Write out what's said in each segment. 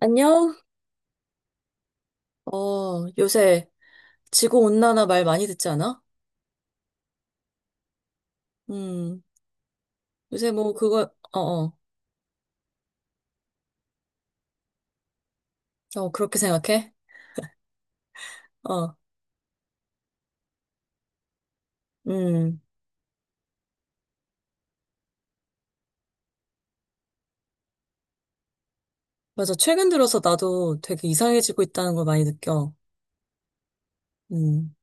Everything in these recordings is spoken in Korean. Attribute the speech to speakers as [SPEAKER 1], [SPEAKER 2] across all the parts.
[SPEAKER 1] 안녕? 요새 지구온난화 말 많이 듣지 않아? 음, 요새 뭐 그거, 어, 어, 어, 그렇게 생각해? 어, 음, 맞아. 최근 들어서 나도 되게 이상해지고 있다는 걸 많이 느껴. 음,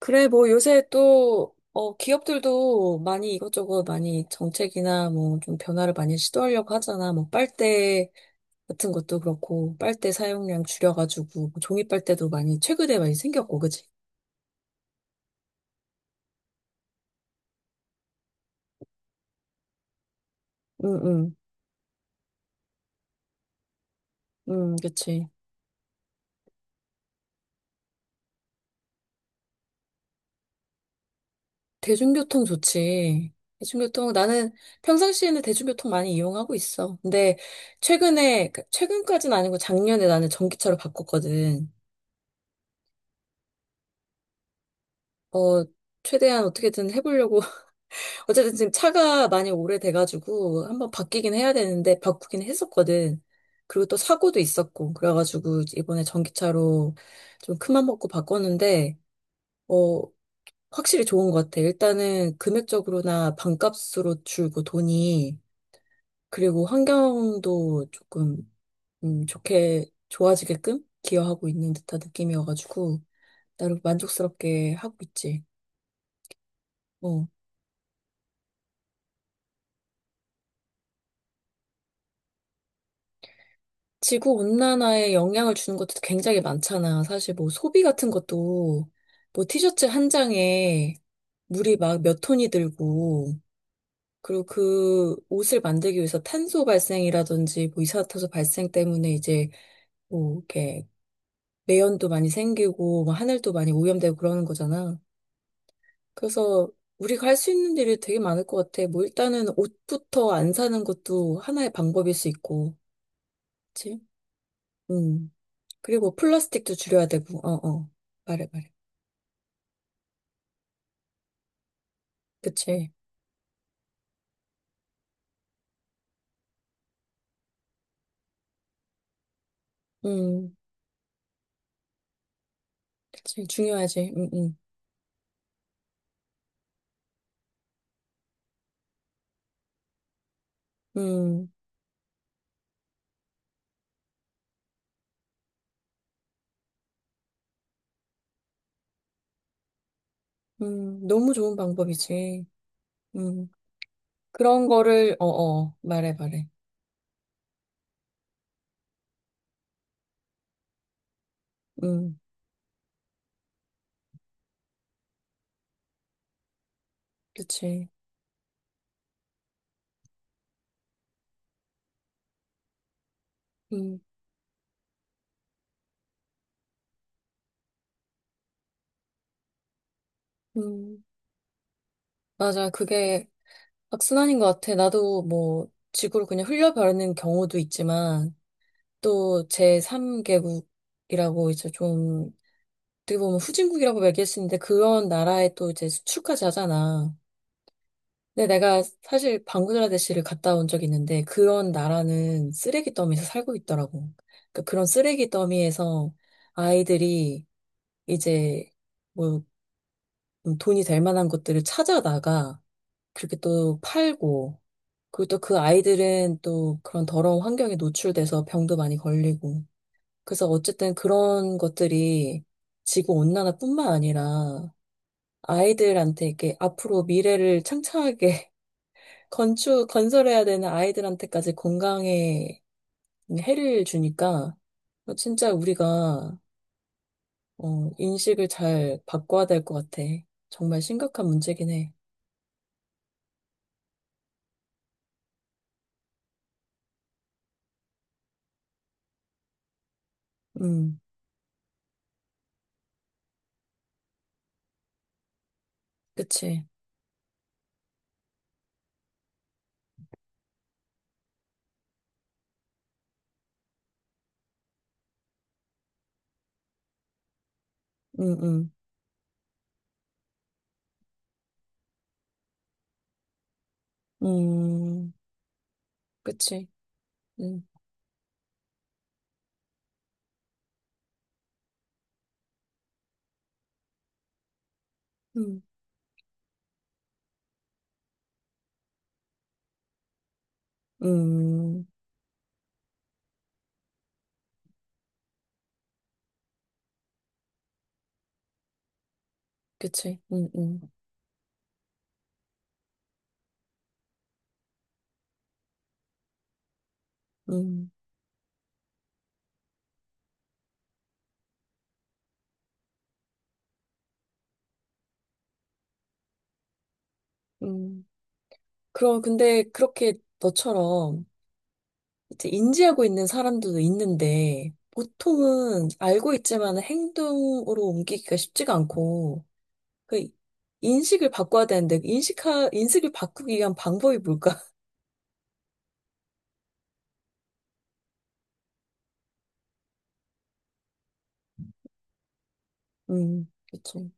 [SPEAKER 1] 그래, 뭐 요새 또, 기업들도 많이 이것저것 많이 정책이나 뭐 좀 변화를 많이 시도하려고 하잖아. 뭐 빨대 같은 것도 그렇고, 빨대 사용량 줄여가지고, 뭐 종이 빨대도 많이 최근에 많이 생겼고, 그치? 응, 응, 응, 그치. 대중교통 좋지. 대중교통, 나는 평상시에는 대중교통 많이 이용하고 있어. 근데 최근에, 최근까지는 아니고 작년에 나는 전기차로 바꿨거든. 어, 최대한 어떻게든 해보려고. 어쨌든 지금 차가 많이 오래돼가지고 한번 바뀌긴 해야 되는데, 바꾸긴 했었거든. 그리고 또 사고도 있었고, 그래가지고 이번에 전기차로 좀 큰맘 먹고 바꿨는데, 어, 확실히 좋은 것 같아. 일단은 금액적으로나 반값으로 줄고 돈이 그리고 환경도 조금 좋게 좋아지게끔 기여하고 있는 듯한 느낌이어가지고 나름 만족스럽게 하고 있지. 어. 지구 온난화에 영향을 주는 것도 굉장히 많잖아. 사실 뭐 소비 같은 것도 뭐 티셔츠 한 장에 물이 막 몇 톤이 들고 그리고 그 옷을 만들기 위해서 탄소 발생이라든지 뭐 이산화탄소 발생 때문에 이제 뭐 이렇게 매연도 많이 생기고 뭐 하늘도 많이 오염되고 그러는 거잖아. 그래서 우리가 할 수 있는 일이 되게 많을 것 같아. 뭐 일단은 옷부터 안 사는 것도 하나의 방법일 수 있고, 그치? 음. 그리고 플라스틱도 줄여야 되고. 말해, 말해. 그치? 음. 그치. 중요하지. 음, 너무 좋은 방법이지. 음. 그런 거를. 말해, 말해. 음. 그치. 음, 음. 맞아. 그게 악순환인 것 같아. 나도 뭐, 지구를 그냥 흘려버리는 경우도 있지만, 또 제3개국이라고 이제 좀 어떻게 보면 후진국이라고 얘기할 수 있는데 그런 나라에 또 이제 수출까지 하잖아. 근데 내가 사실 방글라데시를 갔다 온 적이 있는데 그런 나라는 쓰레기 더미에서 살고 있더라고. 그러니까 그런 쓰레기 더미에서 아이들이 이제 뭐 돈이 될 만한 것들을 찾아다가 그렇게 또 팔고 그리고 또 그 아이들은 또 그런 더러운 환경에 노출돼서 병도 많이 걸리고 그래서 어쨌든 그런 것들이 지구 온난화뿐만 아니라 아이들한테 이렇게 앞으로 미래를 창창하게 건설해야 되는 아이들한테까지 건강에 해를 주니까 진짜 우리가 인식을 잘 바꿔야 될 것 같아. 정말 심각한 문제긴 해. 음, 그치. 음, 음, 음, 그치. 음, 음, 음, 그치. 음, 음. 그럼 근데 그렇게 너처럼 이제 인지하고 있는 사람들도 있는데 보통은 알고 있지만 행동으로 옮기기가 쉽지가 않고 그 인식을 바꿔야 되는데 그 인식하 인식을 바꾸기 위한 방법이 뭘까? 그렇죠.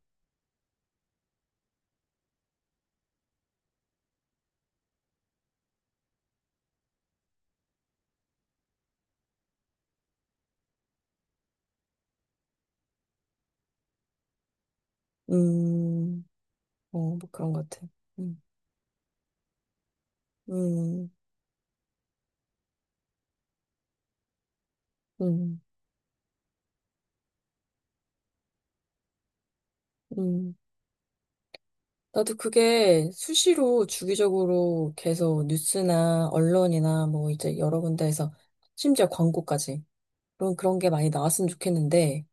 [SPEAKER 1] 음, 뭐 그런 것 같아. 음, 음, 음, 음. 나도 그게 수시로 주기적으로 계속 뉴스나 언론이나 뭐 이제 여러 군데에서 심지어 광고까지 그런 게 많이 나왔으면 좋겠는데,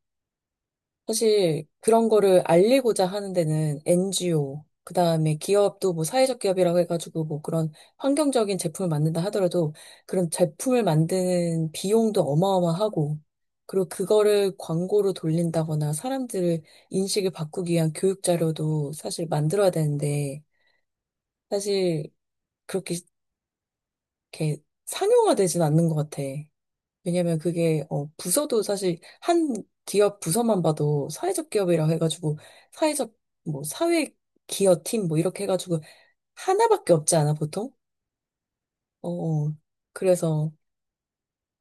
[SPEAKER 1] 사실 그런 거를 알리고자 하는 데는 NGO, 그 다음에 기업도 뭐 사회적 기업이라고 해가지고 뭐 그런 환경적인 제품을 만든다 하더라도 그런 제품을 만드는 비용도 어마어마하고, 그리고 그거를 광고로 돌린다거나 사람들을 인식을 바꾸기 위한 교육 자료도 사실 만들어야 되는데, 사실 그렇게 이렇게 상용화되진 않는 것 같아. 왜냐면 그게, 부서도 사실 한 기업 부서만 봐도 사회적 기업이라 고 해가지고, 사회적, 뭐, 사회 기업 팀, 뭐, 이렇게 해가지고, 하나밖에 없지 않아, 보통? 어, 어. 그래서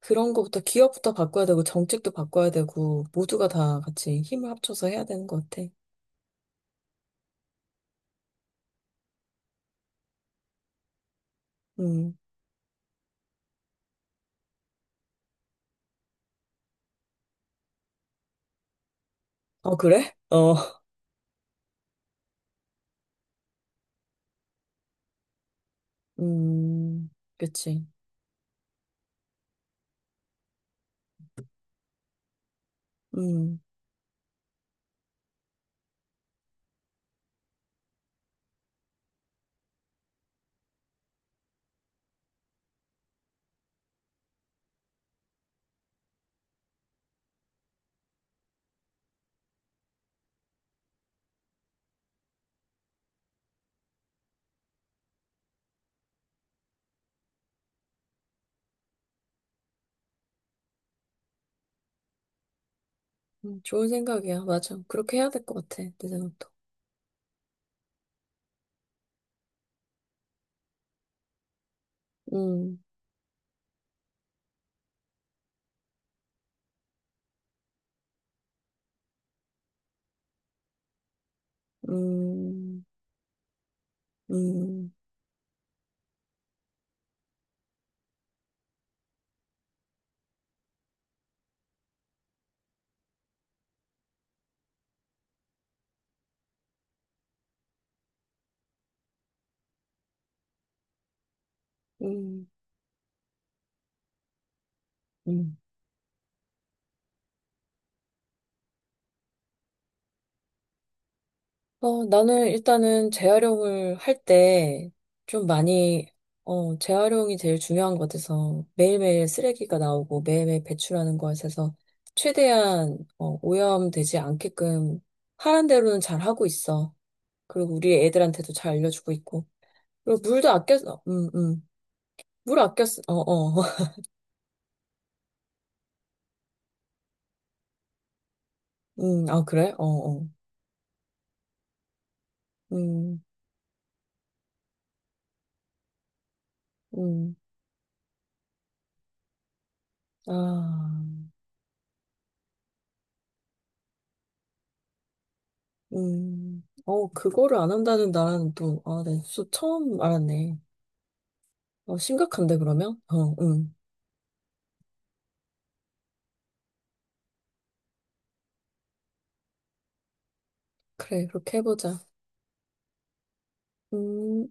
[SPEAKER 1] 그런 거부터 기업부터 바꿔야 되고, 정책도 바꿔야 되고, 모두가 다 같이 힘을 합쳐서 해야 되는 것 같아. 음, 어, 그래? 어, 음, 그치. 음, 좋은 생각이야. 맞아. 그렇게 해야 될 것 같아, 내 생각도. 음, 음, 음, 음. 음. 나는 일단은 재활용을 할 때 좀 많이, 재활용이 제일 중요한 것 같아서 매일매일 쓰레기가 나오고 매일매일 배출하는 것에서 최대한 오염되지 않게끔 하란 대로는 잘 하고 있어. 그리고 우리 애들한테도 잘 알려주고 있고. 그리고 물도 아껴. 물 아껴. 아, 그래? 어, 어. 음, 음. 아. 그거를 안 한다는 나라는 또, 아, 네, 수 처음 알았네. 심각한데, 그러면? 어, 응. 그래, 그렇게 해보자. 음.